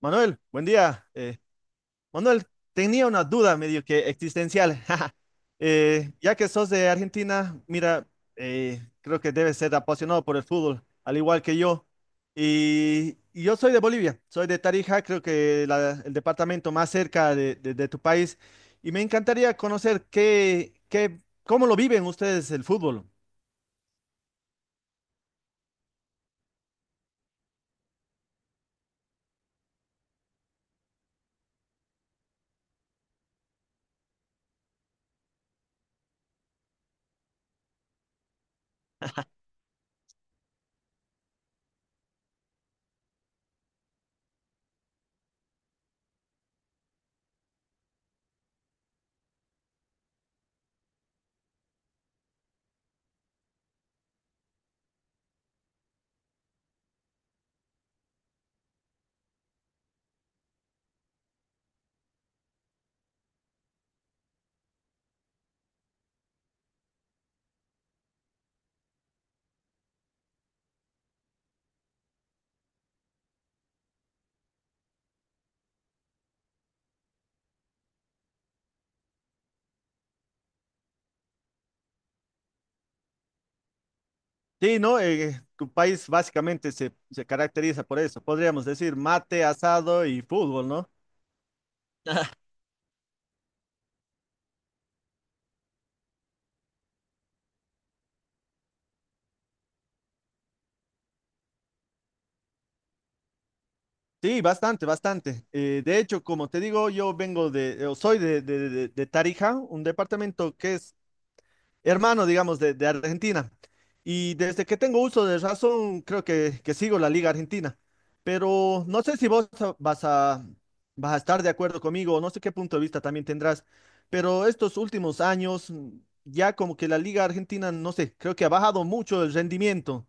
Manuel, buen día. Manuel, tenía una duda medio que existencial. Ya que sos de Argentina, mira, creo que debes ser apasionado por el fútbol, al igual que yo. Y yo soy de Bolivia, soy de Tarija, creo que el departamento más cerca de tu país. Y me encantaría conocer cómo lo viven ustedes el fútbol. Sí, ¿no? Tu país básicamente se caracteriza por eso. Podríamos decir mate, asado y fútbol, ¿no? Sí, bastante, bastante. De hecho, como te digo, yo vengo de, o soy de Tarija, un departamento que es hermano, digamos, de Argentina. Y desde que tengo uso de razón, creo que sigo la Liga Argentina. Pero no sé si vos vas a, vas a estar de acuerdo conmigo, o no sé qué punto de vista también tendrás, pero estos últimos años, ya como que la Liga Argentina, no sé, creo que ha bajado mucho el rendimiento.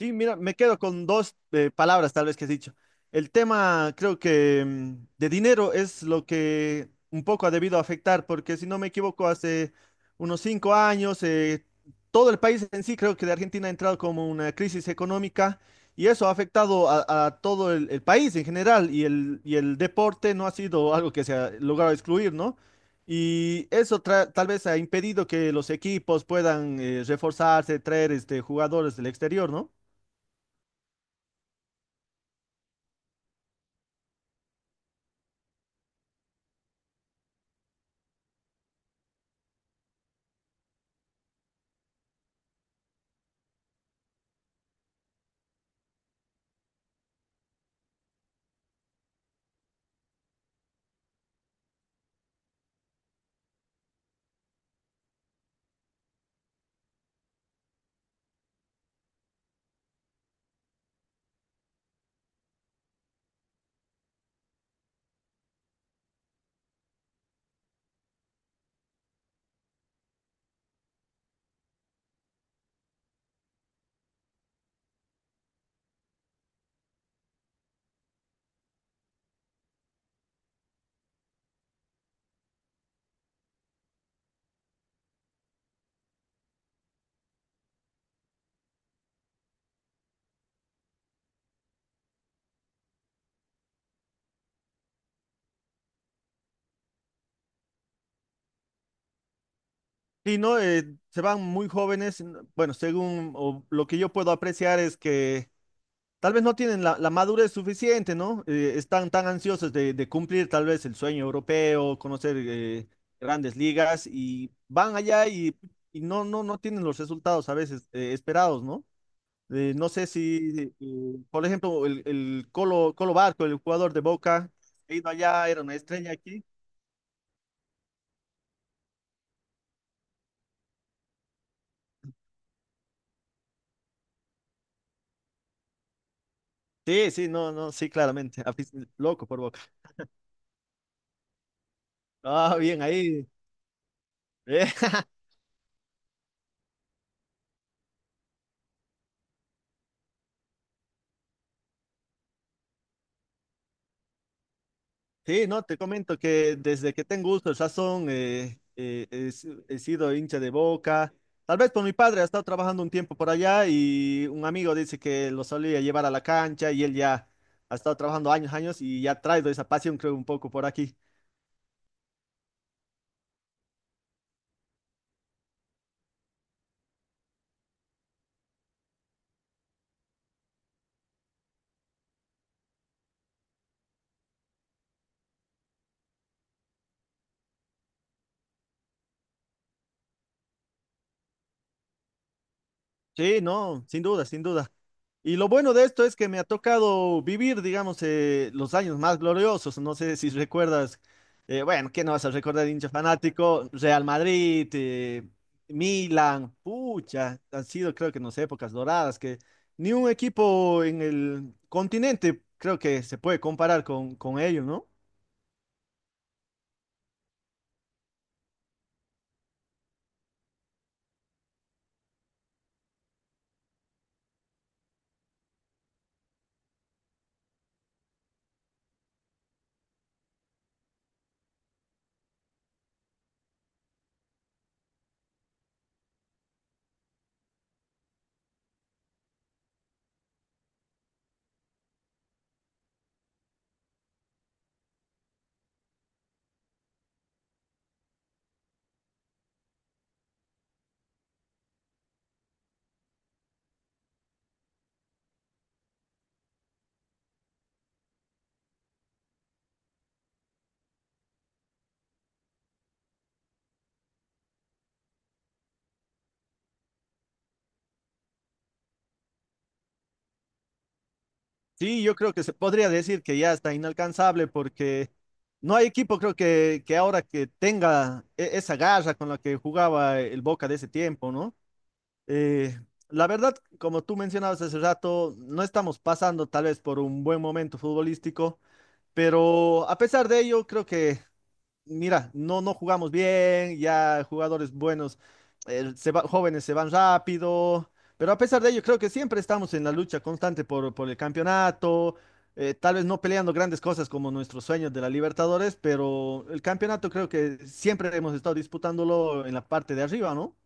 Sí, mira, me quedo con dos palabras tal vez que has dicho. El tema, creo que de dinero es lo que un poco ha debido afectar, porque si no me equivoco, hace unos cinco años, todo el país en sí, creo que de Argentina ha entrado como una crisis económica y eso ha afectado a todo el país en general y el deporte no ha sido algo que se ha logrado excluir, ¿no? Y eso tal vez ha impedido que los equipos puedan reforzarse, traer este, jugadores del exterior, ¿no? Sí, ¿no? Se van muy jóvenes. Bueno, según o lo que yo puedo apreciar es que tal vez no tienen la madurez suficiente, ¿no? Están tan ansiosos de cumplir tal vez el sueño europeo, conocer grandes ligas y van allá y, no tienen los resultados a veces esperados, ¿no? No sé si, por ejemplo, el Colo, Colo Barco, el jugador de Boca, ha ido allá, era una estrella aquí. Sí, sí, no, no, sí, claramente. Loco por Boca. Ah, bien, ahí. Eh, sí, no, te comento que desde que tengo uso de razón he, si- he sido hincha de Boca. Tal vez por mi padre, ha estado trabajando un tiempo por allá y un amigo dice que lo solía llevar a la cancha y él ya ha estado trabajando años, años y ya ha traído esa pasión, creo, un poco por aquí. Sí, no, sin duda, sin duda. Y lo bueno de esto es que me ha tocado vivir, digamos, los años más gloriosos. No sé si recuerdas, bueno, ¿qué no vas a recordar, hincha fanático? Real Madrid, Milan, pucha, han sido creo que no sé, épocas doradas, que ni un equipo en el continente creo que se puede comparar con ellos, ¿no? Sí, yo creo que se podría decir que ya está inalcanzable porque no hay equipo creo que ahora que tenga esa garra con la que jugaba el Boca de ese tiempo, ¿no? Eh, la verdad, como tú mencionabas hace rato, no estamos pasando tal vez por un buen momento futbolístico, pero a pesar de ello, creo que, mira, no jugamos bien, ya jugadores buenos, jóvenes se van rápido, pero a pesar de ello, creo que siempre estamos en la lucha constante por el campeonato, tal vez no peleando grandes cosas como nuestros sueños de la Libertadores, pero el campeonato creo que siempre hemos estado disputándolo en la parte de arriba, ¿no?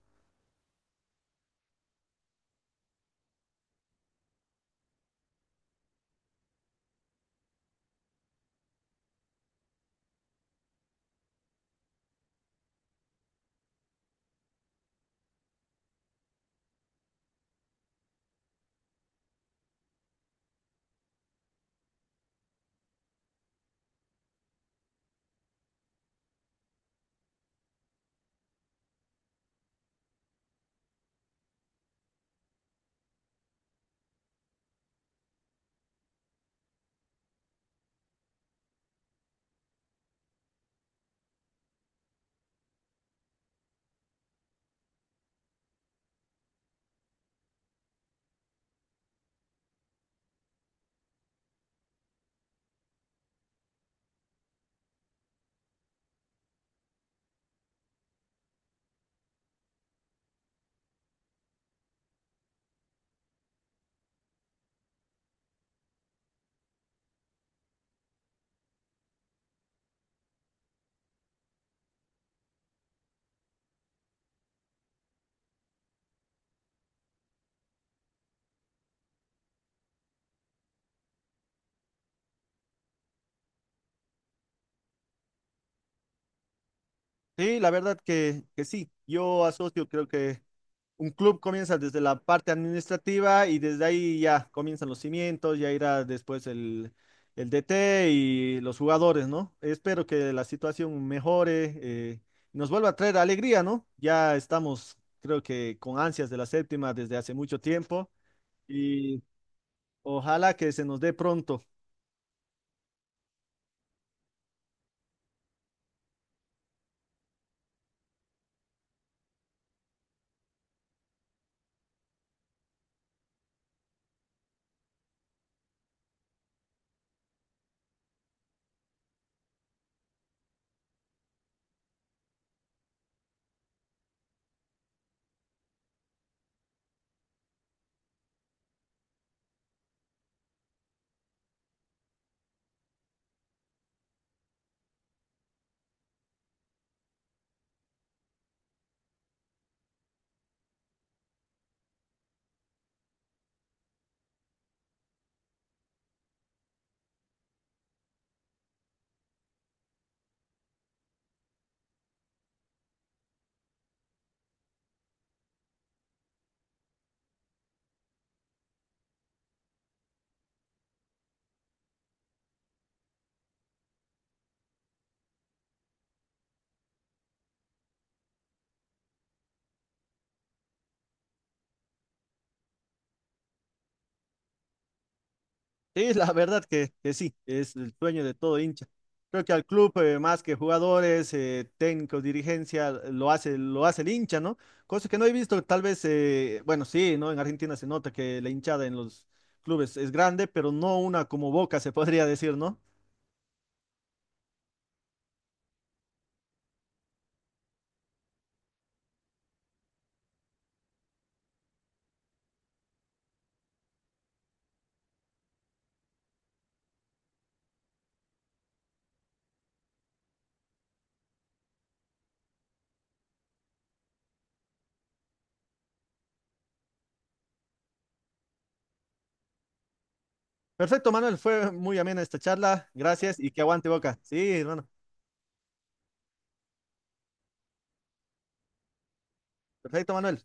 Sí, la verdad que sí. Yo asocio, creo que un club comienza desde la parte administrativa y desde ahí ya comienzan los cimientos, ya irá después el DT y los jugadores, ¿no? Espero que la situación mejore, nos vuelva a traer alegría, ¿no? Ya estamos, creo que con ansias de la séptima desde hace mucho tiempo y ojalá que se nos dé pronto. Sí, la verdad que sí, es el sueño de todo hincha. Creo que al club, más que jugadores, técnicos, dirigencia, lo hace el hincha, ¿no? Cosa que no he visto, tal vez, bueno, sí, ¿no? En Argentina se nota que la hinchada en los clubes es grande, pero no una como Boca, se podría decir, ¿no? Perfecto, Manuel, fue muy amena esta charla, gracias y que aguante Boca. Sí, hermano. Perfecto, Manuel.